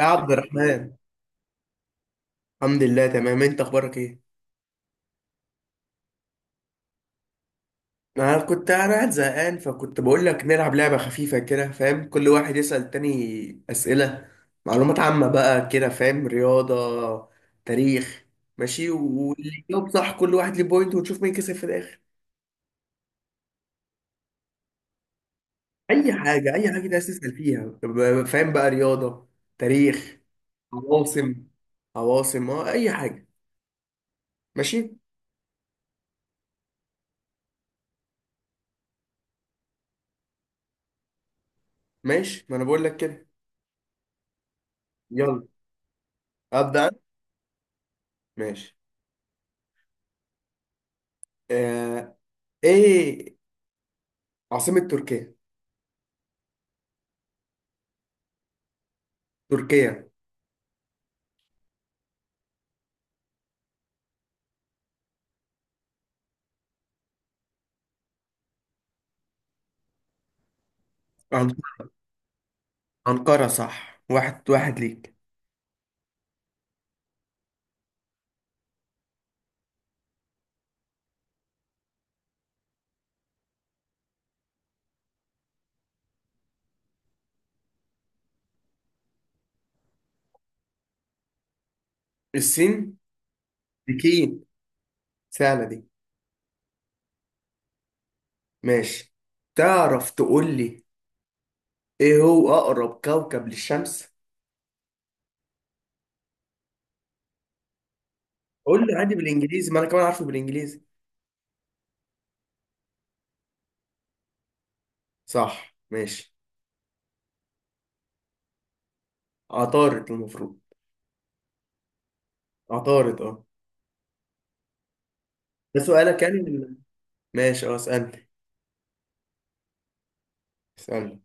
يا عبد الرحمن، الحمد لله، تمام. انت اخبارك ايه؟ انا قاعد زهقان، فكنت بقول لك نلعب لعبه خفيفه كده، فاهم؟ كل واحد يسأل التاني اسئله معلومات عامه بقى كده، فاهم؟ رياضه، تاريخ، ماشي. واللي يجاوب صح كل واحد ليه بوينت، ونشوف مين كسب في الاخر. اي حاجه، اي حاجه ده تسأل فيها. فاهم بقى؟ رياضه، تاريخ. عواصم. عواصم، اه، اي حاجه. ماشي. ماشي، ما انا بقول لك كده. يلا، ابدا. ماشي، آه، ايه عاصمة تركيا؟ تركيا. أنق- أنقرة. صح، واحد واحد ليك. الصين، بكين. سهلة دي. ماشي. تعرف تقول لي، ايه هو أقرب كوكب للشمس؟ قول لي عادي بالإنجليزي، ما أنا كمان عارفه بالإنجليزي. صح. ماشي. عطارد المفروض. عطارد، اه. ده سؤالك يعني ولا-؟ ماشي، اه، اسألني. اسألني.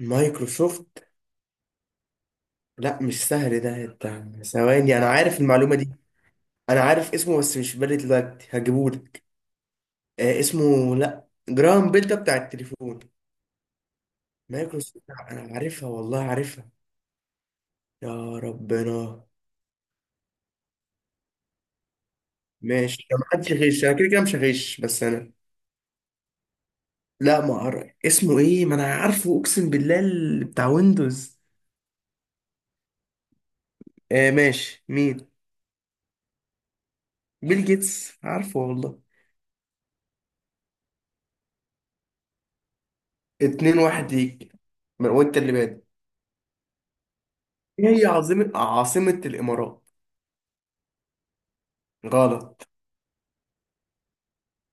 مايكروسوفت. لا، مش سهل ده. ثواني، أنا عارف المعلومة دي. أنا عارف اسمه بس مش في بالي دلوقتي، هجيبهولك. اسمه، لا، جرام بيل ده بتاع التليفون. مايكروسوفت. انا عارفها، والله عارفها. يا ربنا. ماشي، طب ما حدش يغش. انا كده كده مش هغش، بس انا. لا، ما اعرف اسمه ايه، ما انا عارفه اقسم بالله، اللي بتاع ويندوز. ماشي، مين؟ بيل جيتس، عارفه والله. اتنين واحد ليك. وانت اللي بادئ. ايه هي عاصمة الامارات؟ غلط.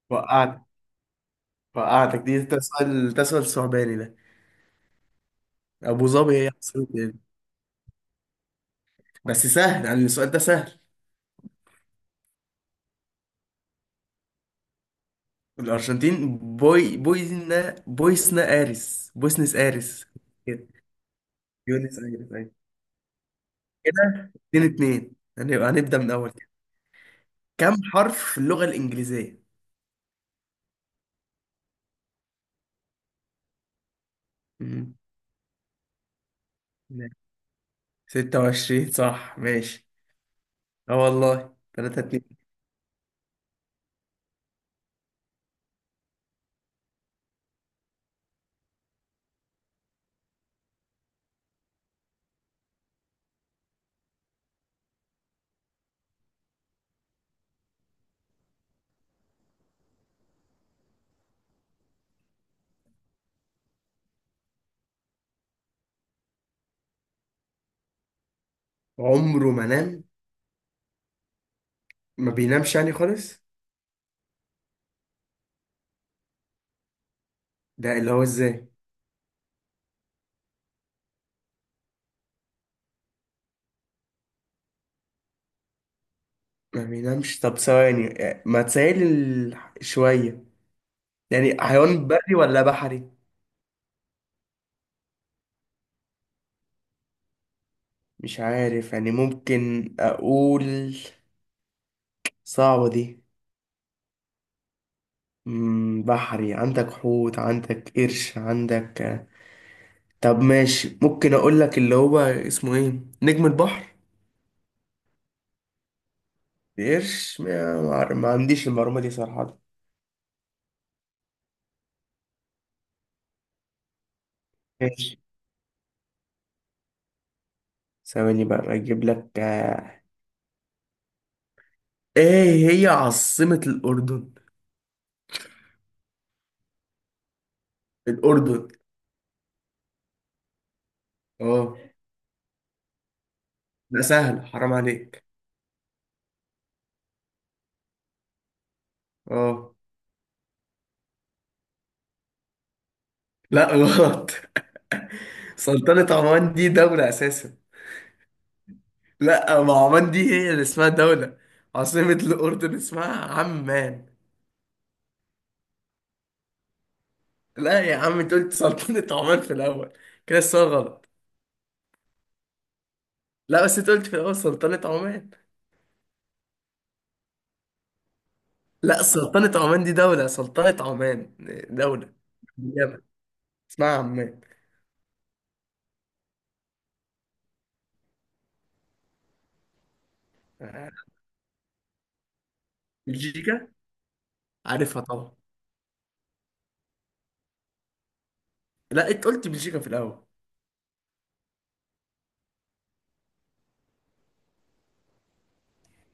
وقعت. وقعتك دي. ده سؤال صعباني ده. ابو ظبي هي عاصمة، ايه؟ بس سهل يعني، السؤال ده سهل. الأرجنتين. بوي، بويزنا، بويسنا آريس، بويسنس آريس. كده، بيونس آريس، أيوة. كده، اتنين اتنين. هنبدأ من أول كده. كم حرف في اللغة الإنجليزية؟ مم. 26، صح. ماشي. اه، والله. تلاتة اتنين. عمره ما نام؟ ما بينامش يعني خالص؟ ده اللي هو ازاي؟ ما بينامش؟ طب ثواني. ما تسهل شوية. يعني حيوان بري ولا بحري؟ مش عارف يعني، ممكن أقول. صعبة دي. بحري، عندك حوت، عندك قرش، عندك. طب ماشي، ممكن اقول لك اللي هو اسمه ايه؟ نجم البحر. قرش. ما عنديش المعلومة دي صراحة. ماشي. ثواني بقى اجيب لك. ايه هي عاصمة الأردن؟ الأردن، اه. لا، سهل، حرام عليك. اه. لا، غلط. سلطنة عمان دي دولة أساسا. لا، ما عمان دي هي اللي اسمها دولة. عاصمة الأردن اسمها عمان. لا يا عم، انت قلت سلطنة عمان في الأول، كده السؤال غلط. لا، بس انت قلت في الأول سلطنة عمان. لا، سلطنة عمان دي دولة. سلطنة عمان دولة في اليمن اسمها عمان. آه، بلجيكا؟ عارفها طبعا. لا، انت قلت بلجيكا في الأول.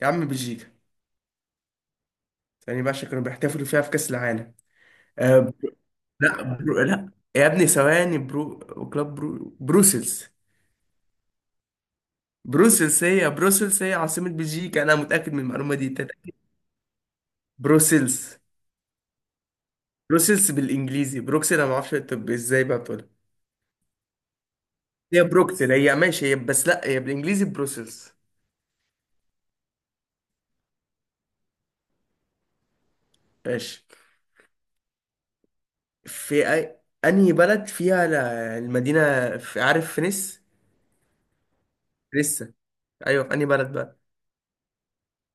يا عم، بلجيكا. ثاني بقى عشان كانوا بيحتفلوا فيها في كأس العالم. آه ب- لا، لا. يا ابني ثواني، بروسلز. بروسلز هي عاصمة بلجيكا. أنا متأكد من المعلومة دي، تتأكد. بروسلز بروسلز بالانجليزي، بروكسل انا ما اعرفش. طب ازاي بقى بتقولها؟ هي بروكسل، هي ماشي، هي، بس لا، هي بالانجليزي بروسلز. ماشي. في أي... انهي بلد فيها المدينة؟ في، عارف، فينيس، لسه؟ ايوه. في انهي بلد بقى؟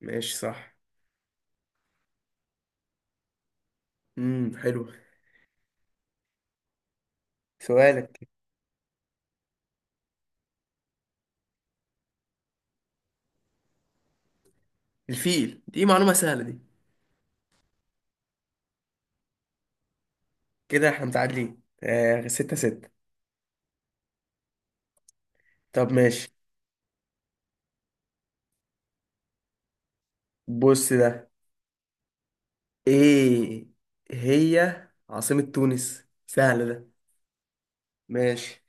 ماشي صح. حلو. سؤالك. الفيل، دي معلومة سهلة دي. كده احنا متعادلين، ستة ستة. طب ماشي. بص ده، ايه هي عاصمة تونس؟ سهلة ده. ماشي.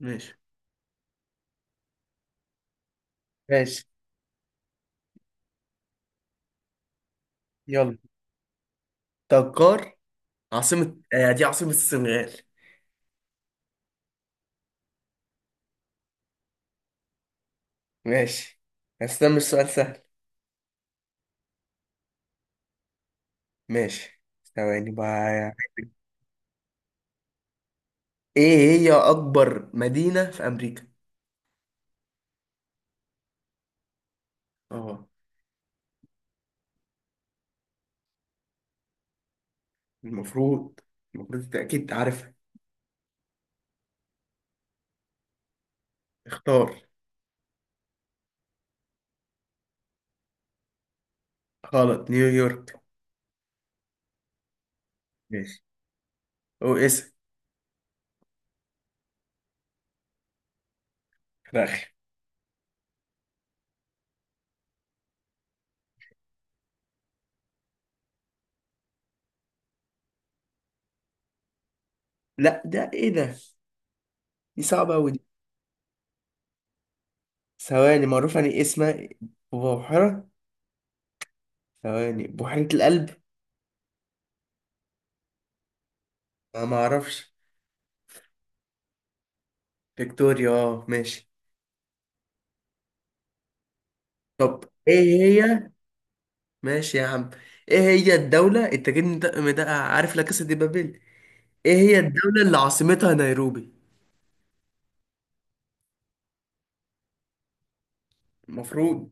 ماشي. ماشي. يلا. تجار، عاصمة، دي عاصمة السنغال. ماشي. هستنى السؤال سهل. ماشي. ثواني بقى. ايه هي أكبر مدينة في أمريكا؟ اه. المفروض. المفروض، انت أكيد عارفها. اختار. غلط، نيويورك. ماشي. او اسم. رخي. لا، ده ايه ده؟ دي صعبة أوي دي. ثواني، معروف يعني إيه اسمها؟ بحيرة. ثواني، بحيرة القلب. أنا ما أعرفش. فيكتوريا، اه. ماشي. طب، ايه هي؟ ماشي يا عم. ايه هي الدولة، التاجين مدقق مدقق، عارف، لا كاسا دي بابيل. ايه هي الدولة اللي عاصمتها نيروبي؟ المفروض.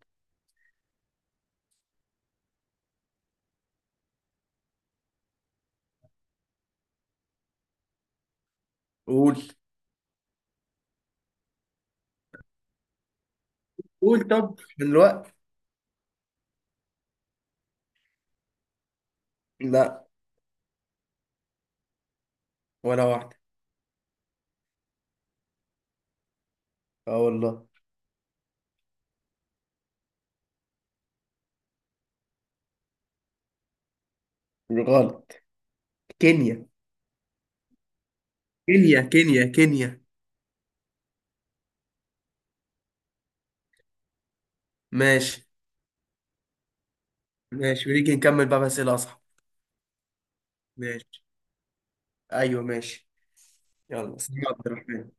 قول. قول طب من الوقت. لا. ولا واحدة. اه والله. غلط. كينيا، كينيا، كينيا، كينيا. ماشي. ماشي ونيجي نكمل بقى بس الأصعب. ماشي. ايوه، ماشي. يلا، سلام يا عبد الرحمن.